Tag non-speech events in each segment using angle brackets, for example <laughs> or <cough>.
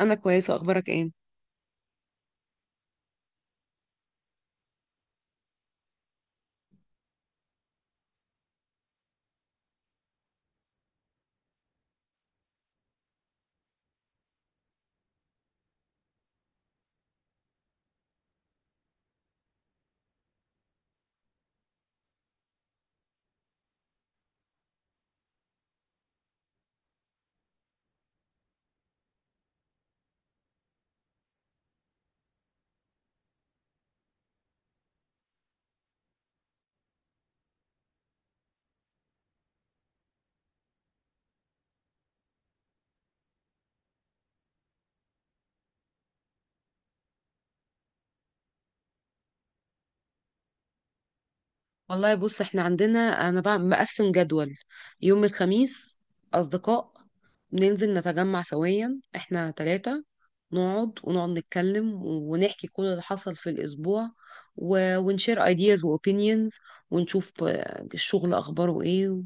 انا كويسه، اخبارك ايه؟ والله، بص احنا عندنا، انا بقى مقسم جدول. يوم الخميس اصدقاء بننزل نتجمع سويا احنا ثلاثة. نقعد ونقعد نتكلم ونحكي كل اللي حصل في الاسبوع، ونشير ايدياز واوبينيونز، ونشوف الشغل اخباره ايه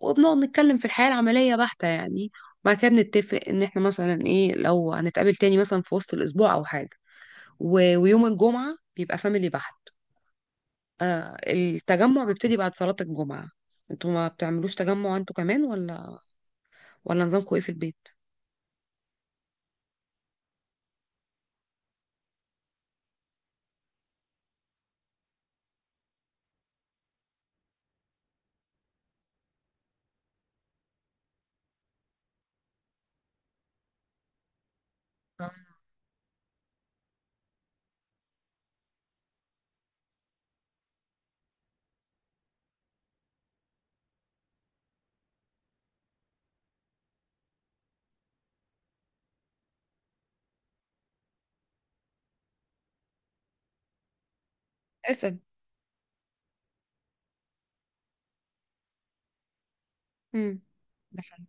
وبنقعد نتكلم في الحياة العملية بحتة يعني. بعد كده بنتفق ان احنا مثلا ايه لو هنتقابل تاني مثلا في وسط الاسبوع او حاجة، ويوم الجمعة بيبقى فاميلي بحت. التجمع بيبتدي بعد صلاة الجمعة. انتوا ما بتعملوش تجمع انتوا كمان، ولا نظامكم ايه في البيت؟ آه، اسأل. امم. ده حلو.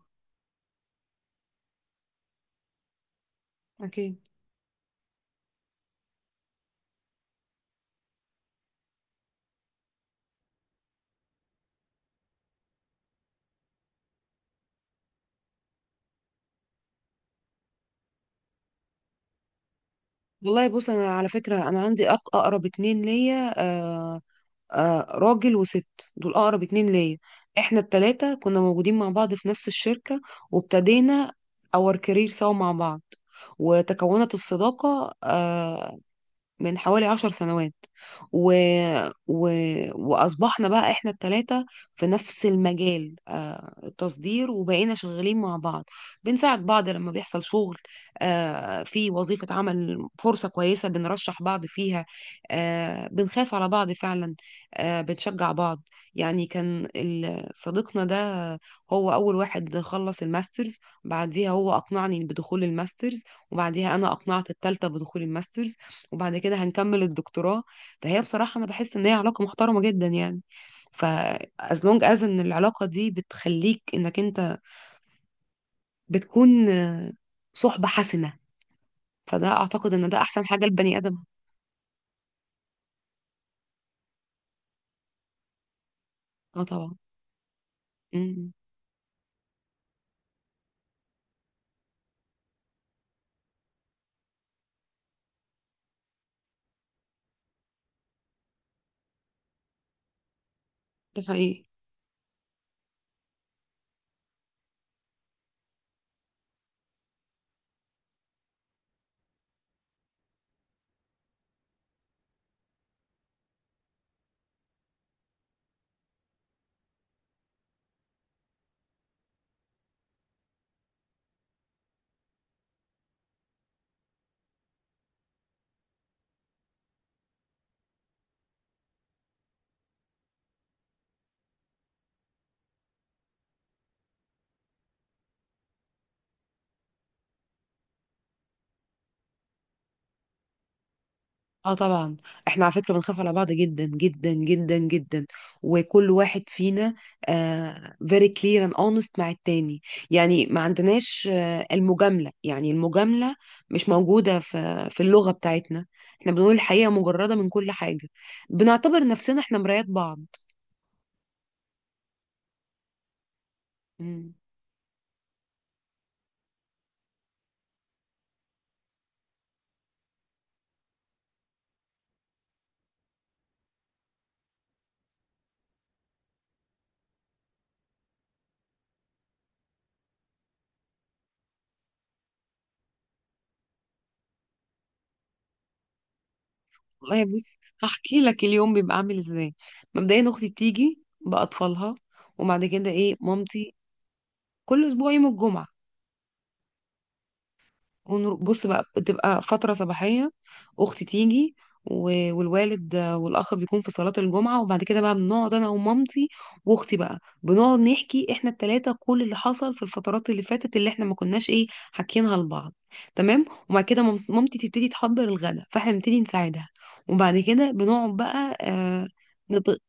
اكيد. والله بص، انا على فكرة انا عندي اقرب اتنين ليا، راجل وست، دول اقرب اتنين ليا. احنا التلاتة كنا موجودين مع بعض في نفس الشركة، وابتدينا اور كارير سوا مع بعض، وتكونت الصداقة من حوالي 10 سنوات. و... و... وأصبحنا بقى إحنا التلاتة في نفس المجال، التصدير، وبقينا شغالين مع بعض، بنساعد بعض لما بيحصل شغل. في وظيفة عمل فرصة كويسة بنرشح بعض فيها. بنخاف على بعض فعلا. بنشجع بعض. يعني كان صديقنا ده هو أول واحد خلص الماسترز، بعديها هو أقنعني بدخول الماسترز، وبعديها أنا أقنعت التالتة بدخول الماسترز، وبعد كده هنكمل الدكتوراه. فهي بصراحة أنا بحس إن هي علاقة محترمة جدا يعني. ف as long as إن العلاقة دي بتخليك إنك أنت بتكون صحبة حسنة، فده أعتقد إن ده أحسن حاجة لبني آدم. اه طبعا. امم. ده حقيقي. اه طبعا. احنا على فكره بنخاف على بعض جدا جدا جدا جدا، وكل واحد فينا very clear and honest مع التاني. يعني ما عندناش المجامله، يعني المجامله مش موجوده في اللغه بتاعتنا. احنا بنقول الحقيقه مجرده من كل حاجه، بنعتبر نفسنا احنا مرايات بعض. مم. والله بص، هحكي لك اليوم بيبقى عامل ازاي. مبدئيا اختي بتيجي باطفالها، وبعد كده ايه مامتي، كل اسبوع يوم الجمعه. بص بقى، بتبقى فترة صباحية، أختي تيجي، والوالد والأخ بيكون في صلاة الجمعة، وبعد كده بقى بنقعد أنا ومامتي وأختي، بقى بنقعد نحكي إحنا التلاتة كل اللي حصل في الفترات اللي فاتت اللي إحنا ما كناش إيه حاكيينها لبعض. تمام. وبعد كده مامتي تبتدي تحضر الغدا، فإحنا بنبتدي نساعدها، وبعد كده بنقعد بقى نط...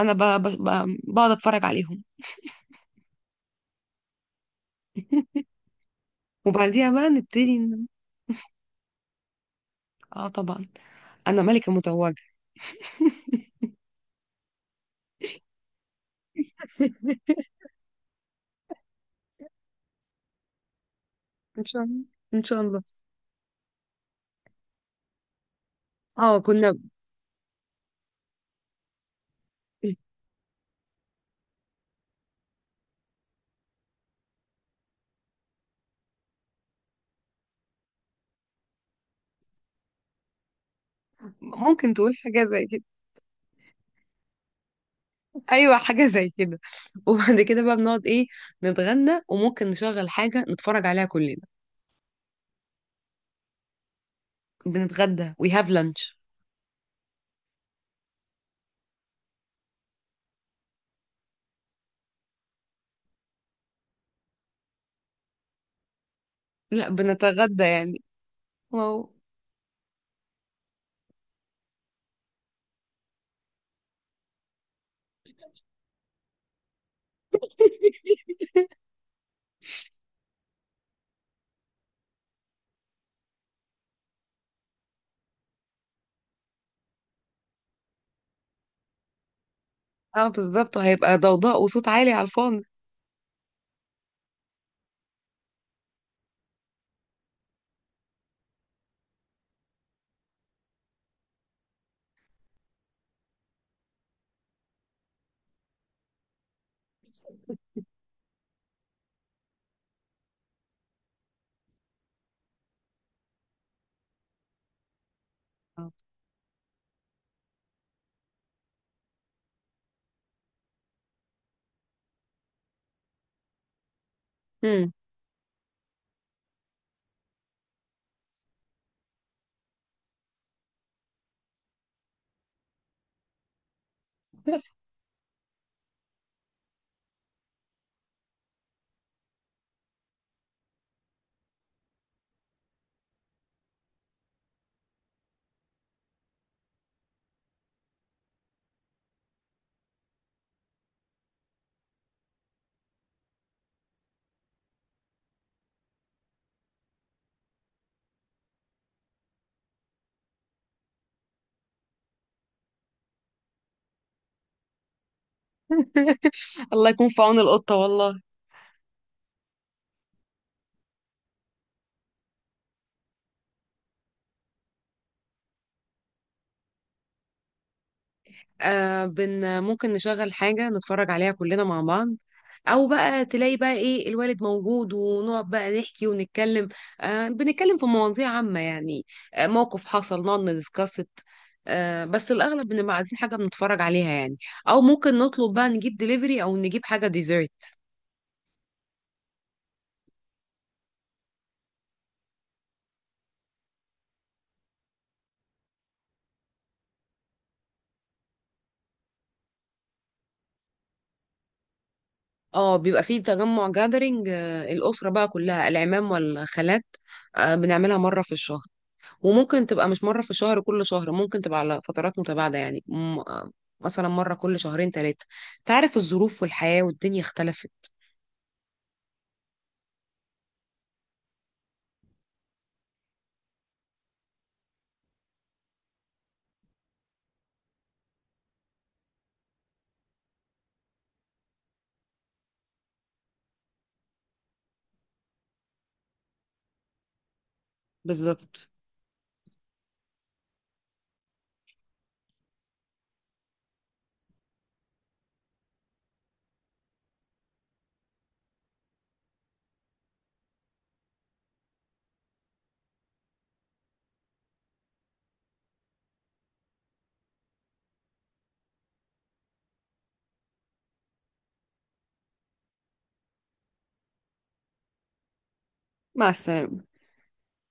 أنا بقعد أتفرج عليهم. <laughs> وبعديها بقى نبتدي آه طبعا. أنا ملكة متوجة. <laughs> ان شاء الله. ان شاء الله. اه كنا. ممكن تقول حاجه زي كده. ايوه حاجه زي كده. <laughs> وبعد كده بقى بنقعد ايه، نتغدى وممكن نشغل حاجه نتفرج عليها كلنا. بنتغدى وي هاف لانش. لا بنتغدى يعني. ما هو. اه بالظبط، وهيبقى ضوضاء وصوت عالي على الفاضي. آه. مم. <laughs> الله يكون في عون القطه والله. ممكن نشغل حاجة نتفرج عليها كلنا مع بعض، أو بقى تلاقي بقى إيه الوالد موجود ونقعد بقى نحكي ونتكلم. بنتكلم في مواضيع عامة يعني. موقف حصل نقعد ندسكست. بس الأغلب بنبقى عايزين حاجة بنتفرج عليها يعني، أو ممكن نطلب بقى نجيب ديليفري أو نجيب حاجة ديزرت. اه بيبقى فيه تجمع جاذرينج، الأسرة بقى كلها العمام والخالات. بنعملها مرة في الشهر. وممكن تبقى مش مرة في الشهر، كل شهر ممكن تبقى على فترات متباعدة يعني، مثلا مرة كل شهرين ثلاثة. تعرف الظروف والحياة والدنيا اختلفت. بالظبط. مع السلامة.